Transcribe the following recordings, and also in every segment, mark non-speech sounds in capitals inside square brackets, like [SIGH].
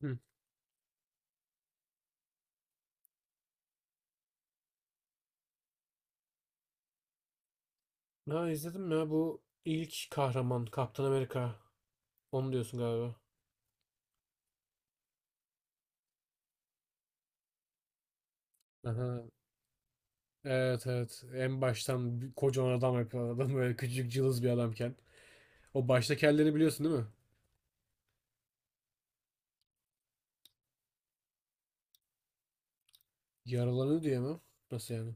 Hı. Ha izledim ya bu ilk kahraman Kaptan Amerika. Onu diyorsun galiba. Aha. Evet evet. En baştan bir kocaman adam yapıyor adam böyle küçücük cılız bir adamken. O baştaki hallerini biliyorsun değil mi? Yaralanıyor diye mi? Nasıl yani?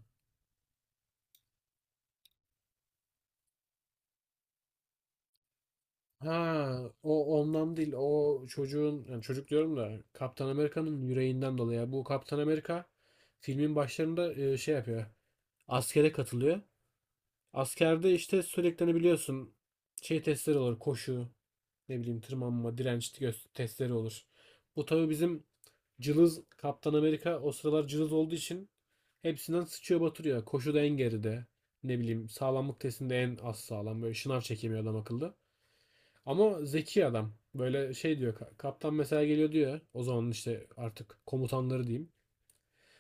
Ha o ondan değil. O çocuğun yani çocuk diyorum da Kaptan Amerika'nın yüreğinden dolayı. Yani bu Kaptan Amerika filmin başlarında şey yapıyor. Askere katılıyor. Askerde işte sürekli hani biliyorsun şey testleri olur, koşu, ne bileyim tırmanma, direnç testleri olur. Bu tabi bizim cılız Kaptan Amerika o sıralar cılız olduğu için hepsinden sıçıyor batırıyor. Koşuda en geride. Ne bileyim, sağlamlık testinde en az sağlam. Böyle şınav çekemiyor adam akıllı. Ama zeki adam. Böyle şey diyor. Kaptan mesela geliyor diyor. O zaman işte artık komutanları diyeyim.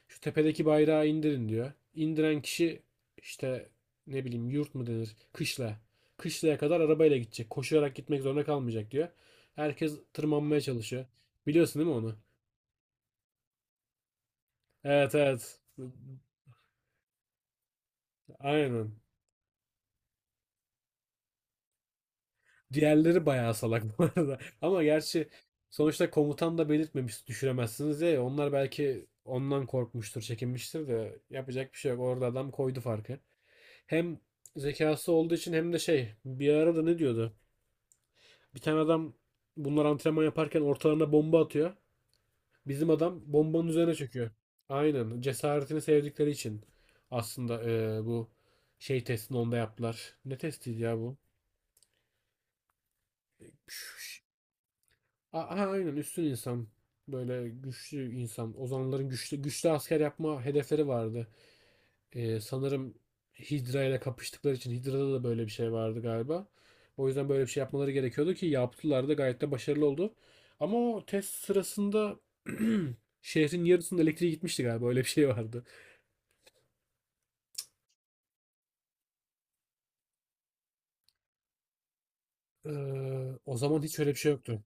Şu tepedeki bayrağı indirin diyor. İndiren kişi işte, ne bileyim, yurt mu denir? Kışla. Kışlaya kadar arabayla gidecek. Koşarak gitmek zorunda kalmayacak diyor. Herkes tırmanmaya çalışıyor. Biliyorsun değil mi onu? Evet evet. Aynen. Diğerleri bayağı salak bu arada. [LAUGHS] Ama gerçi sonuçta komutan da belirtmemiş düşüremezsiniz diye. Onlar belki ondan korkmuştur, çekinmiştir de yapacak bir şey yok. Orada adam koydu farkı. Hem zekası olduğu için hem de şey, bir arada ne diyordu? Bir tane adam, bunlar antrenman yaparken ortalarına bomba atıyor. Bizim adam bombanın üzerine çöküyor. Aynen. Cesaretini sevdikleri için aslında bu şey testini onda yaptılar. Ne testiydi ya bu? Şş, aynen, üstün insan. Böyle güçlü insan. Ozanların güçlü, güçlü asker yapma hedefleri vardı. Sanırım Hydra ile kapıştıkları için Hydra'da da böyle bir şey vardı galiba. O yüzden böyle bir şey yapmaları gerekiyordu ki yaptılar da gayet de başarılı oldu. Ama o test sırasında [CLEARS THROAT] şehrin yarısında elektriği gitmişti galiba, öyle bir şey vardı. Ee, O zaman hiç öyle bir şey yoktu.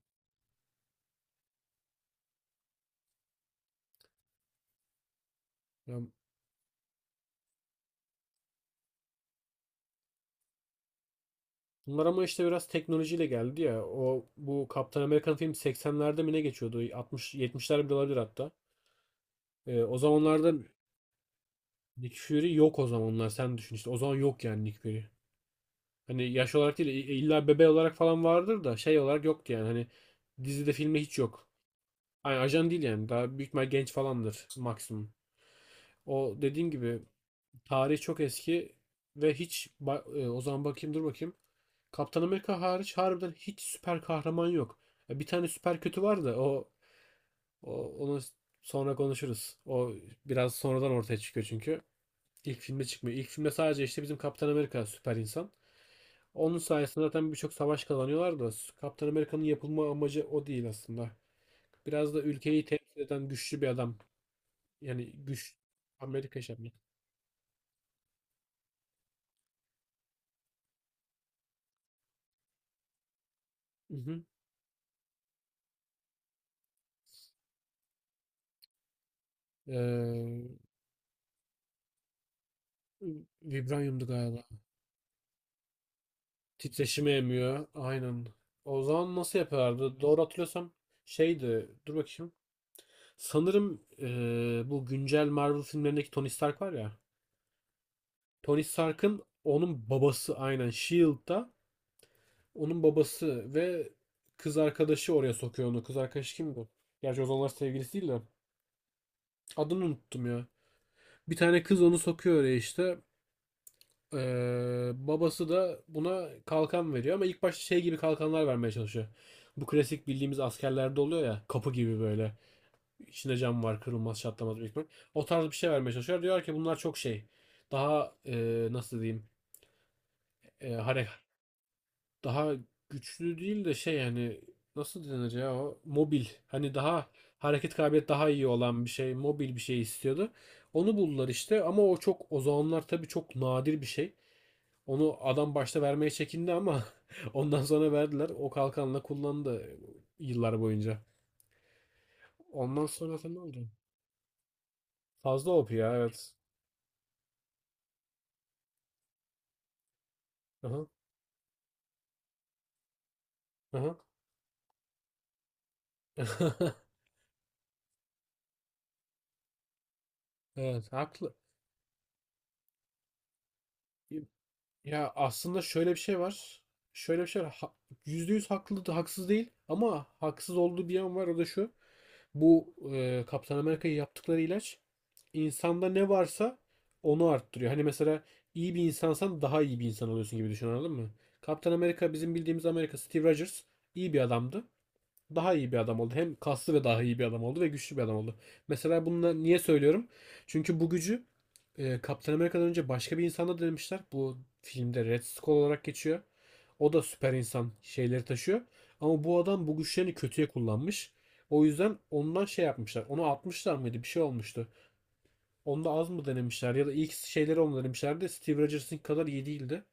Ya, bunlar ama işte biraz teknolojiyle geldi ya. O bu Kaptan Amerikan film 80'lerde mi ne geçiyordu? 60 70'lerde bile olabilir hatta. O zamanlarda Nick Fury yok, o zamanlar sen düşün işte. O zaman yok yani Nick Fury. Hani yaş olarak değil, illa bebe olarak falan vardır da şey olarak yoktu yani, hani dizide filmde hiç yok. Yani ajan değil, yani daha büyük ihtimal genç falandır maksimum. O dediğim gibi, tarih çok eski ve hiç o zaman bakayım, dur bakayım. Kaptan Amerika hariç harbiden hiç süper kahraman yok. Ya, bir tane süper kötü var da o, o onu sonra konuşuruz. O biraz sonradan ortaya çıkıyor çünkü. İlk filme çıkmıyor. İlk filmde sadece işte bizim Kaptan Amerika süper insan. Onun sayesinde zaten birçok savaş kazanıyorlar da Kaptan Amerika'nın yapılma amacı o değil aslında. Biraz da ülkeyi temsil eden güçlü bir adam. Yani güç, Amerika şey yapmak. Hı hı. Ee, Vibranyumdu galiba. Titreşimi emiyor. Aynen. O zaman nasıl yapıyorlardı? Doğru hatırlıyorsam şeydi. Dur bakayım. Sanırım bu güncel Marvel filmlerindeki Tony Stark var ya. Tony Stark'ın onun babası aynen S.H.I.E.L.D.'da. Onun babası ve kız arkadaşı oraya sokuyor onu. Kız arkadaşı kimdi? Gerçi o zamanlar sevgilisi değil de. Adını unuttum ya. Bir tane kız onu sokuyor oraya işte. Babası da buna kalkan veriyor ama ilk başta şey gibi kalkanlar vermeye çalışıyor. Bu klasik bildiğimiz askerlerde oluyor ya. Kapı gibi böyle. İçinde cam var, kırılmaz çatlamaz büyük ihtimal. O tarz bir şey vermeye çalışıyor. Diyor ki bunlar çok şey. Daha nasıl diyeyim. E, hare- Daha güçlü değil de şey, hani nasıl denir ya, o mobil, hani daha hareket kabiliyet daha iyi olan bir şey, mobil bir şey istiyordu. Onu buldular işte ama o çok, o zamanlar tabii çok nadir bir şey. Onu adam başta vermeye çekindi ama [LAUGHS] ondan sonra verdiler. O kalkanla kullandı yıllar boyunca. Ondan sonra sen, ne oldu? Fazla OP ya, evet. Aha, aha. [LAUGHS] Evet, haklı. Ya aslında şöyle bir şey var. Şöyle bir şey var. Ha, %100 haklı, haksız değil ama haksız olduğu bir yan var, o da şu. Bu Kaptan Amerika'yı yaptıkları ilaç, insanda ne varsa onu arttırıyor. Hani mesela iyi bir insansan daha iyi bir insan oluyorsun gibi düşün, anladın mı? Kaptan Amerika, bizim bildiğimiz Amerika, Steve Rogers iyi bir adamdı, daha iyi bir adam oldu. Hem kaslı ve daha iyi bir adam oldu ve güçlü bir adam oldu. Mesela bunu niye söylüyorum? Çünkü bu gücü Kaptan Amerika'dan önce başka bir insanda denemişler. Bu filmde Red Skull olarak geçiyor. O da süper insan şeyleri taşıyor. Ama bu adam bu güçlerini kötüye kullanmış. O yüzden ondan şey yapmışlar. Onu atmışlar mıydı? Bir şey olmuştu. Onda az mı denemişler ya da ilk şeyleri onu denemişlerdi. Steve Rogers'ın kadar iyi değildi.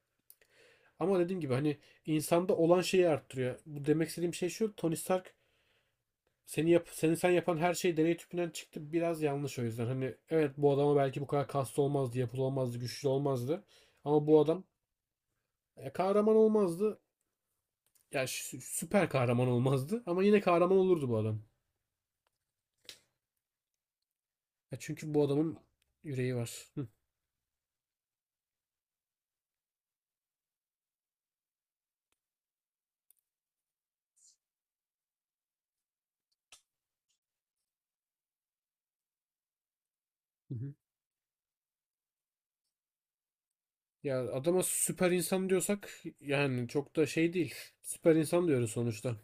Ama dediğim gibi hani insanda olan şeyi arttırıyor. Bu demek istediğim şey şu. Tony Stark, seni sen yapan her şey deney tüpünden çıktı, biraz yanlış o yüzden. Hani evet, bu adama belki bu kadar kaslı olmazdı, yapılı olmazdı, güçlü olmazdı. Ama bu adam kahraman olmazdı. Ya süper kahraman olmazdı ama yine kahraman olurdu bu adam. Ya çünkü bu adamın yüreği var. Hı. Hı hı. Ya adama süper insan diyorsak yani çok da şey değil. Süper insan diyoruz sonuçta.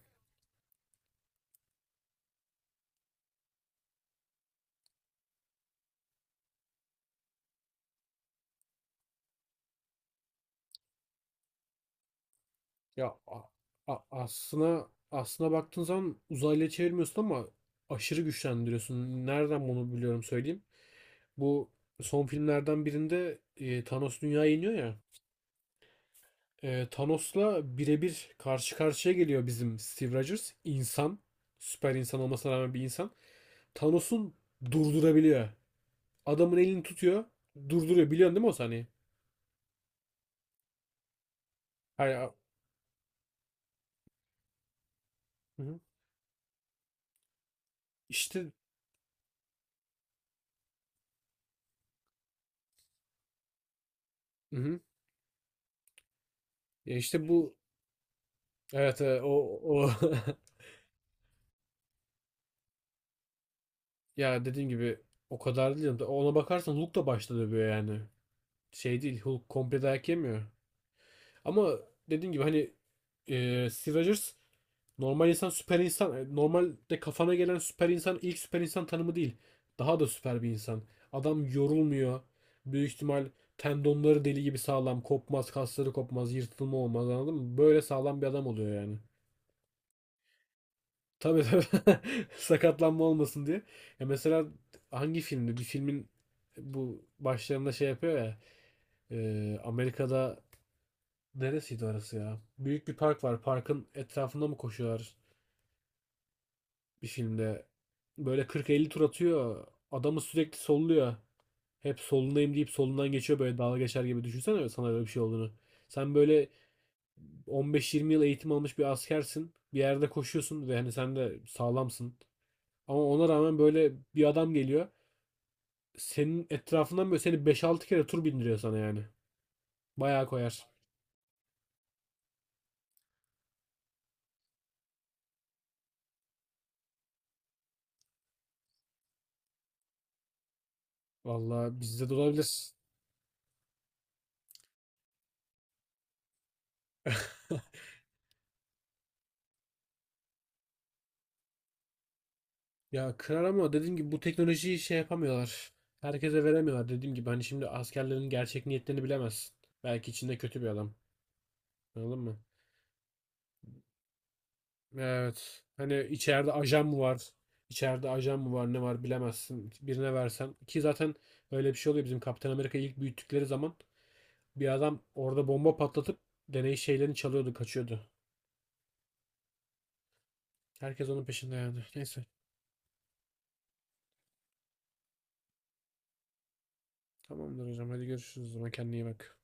Ya aslına baktığın zaman uzaylıya çevirmiyorsun ama aşırı güçlendiriyorsun. Nereden bunu biliyorum söyleyeyim. Bu son filmlerden birinde Thanos dünyaya iniyor ya. Thanos'la birebir karşı karşıya geliyor bizim Steve Rogers. İnsan. Süper insan olmasına rağmen bir insan. Thanos'un durdurabiliyor. Adamın elini tutuyor. Durduruyor. Biliyorsun değil mi o sahneyi? Hayır. Hı hı. İşte, hı hı. Ya işte bu, evet. e, o o [LAUGHS] Ya dediğim gibi o kadar değil. Ona bakarsan Hulk da başta dövüyor yani. Şey değil. Hulk komple dayak yemiyor. Ama dediğim gibi hani Steve Rogers normal insan, süper insan, normalde kafana gelen süper insan ilk süper insan tanımı değil. Daha da süper bir insan. Adam yorulmuyor. Büyük ihtimal tendonları deli gibi sağlam. Kopmaz, kasları kopmaz, yırtılma olmaz, anladın mı? Böyle sağlam bir adam oluyor yani. Tabii tabii. [LAUGHS] Sakatlanma olmasın diye. Ya mesela hangi filmde? Bir filmin bu başlarında şey yapıyor ya. Amerika'da neresiydi orası ya? Büyük bir park var. Parkın etrafında mı koşuyorlar bir filmde? Böyle 40-50 tur atıyor. Adamı sürekli solluyor. Hep solundayım deyip solundan geçiyor, böyle dalga geçer gibi. Düşünsene sana öyle bir şey olduğunu. Sen böyle 15-20 yıl eğitim almış bir askersin. Bir yerde koşuyorsun ve hani sen de sağlamsın. Ama ona rağmen böyle bir adam geliyor. Senin etrafından böyle seni 5-6 kere tur bindiriyor sana yani. Bayağı koyar. Vallahi bizde de olabilir. Ya kırar ama dediğim gibi bu teknolojiyi şey yapamıyorlar. Herkese veremiyorlar. Dediğim gibi hani şimdi askerlerin gerçek niyetlerini bilemezsin. Belki içinde kötü bir adam. Anladın mı? Evet. Hani içeride ajan mı var? İçeride ajan mı var? Ne var bilemezsin. Birine versen. Ki zaten öyle bir şey oluyor. Bizim Kaptan Amerika'yı ilk büyüttükleri zaman bir adam orada bomba patlatıp deney şeylerini çalıyordu, kaçıyordu. Herkes onun peşinde yani. Neyse. Tamamdır hocam. Hadi görüşürüz o zaman. Kendine iyi bak.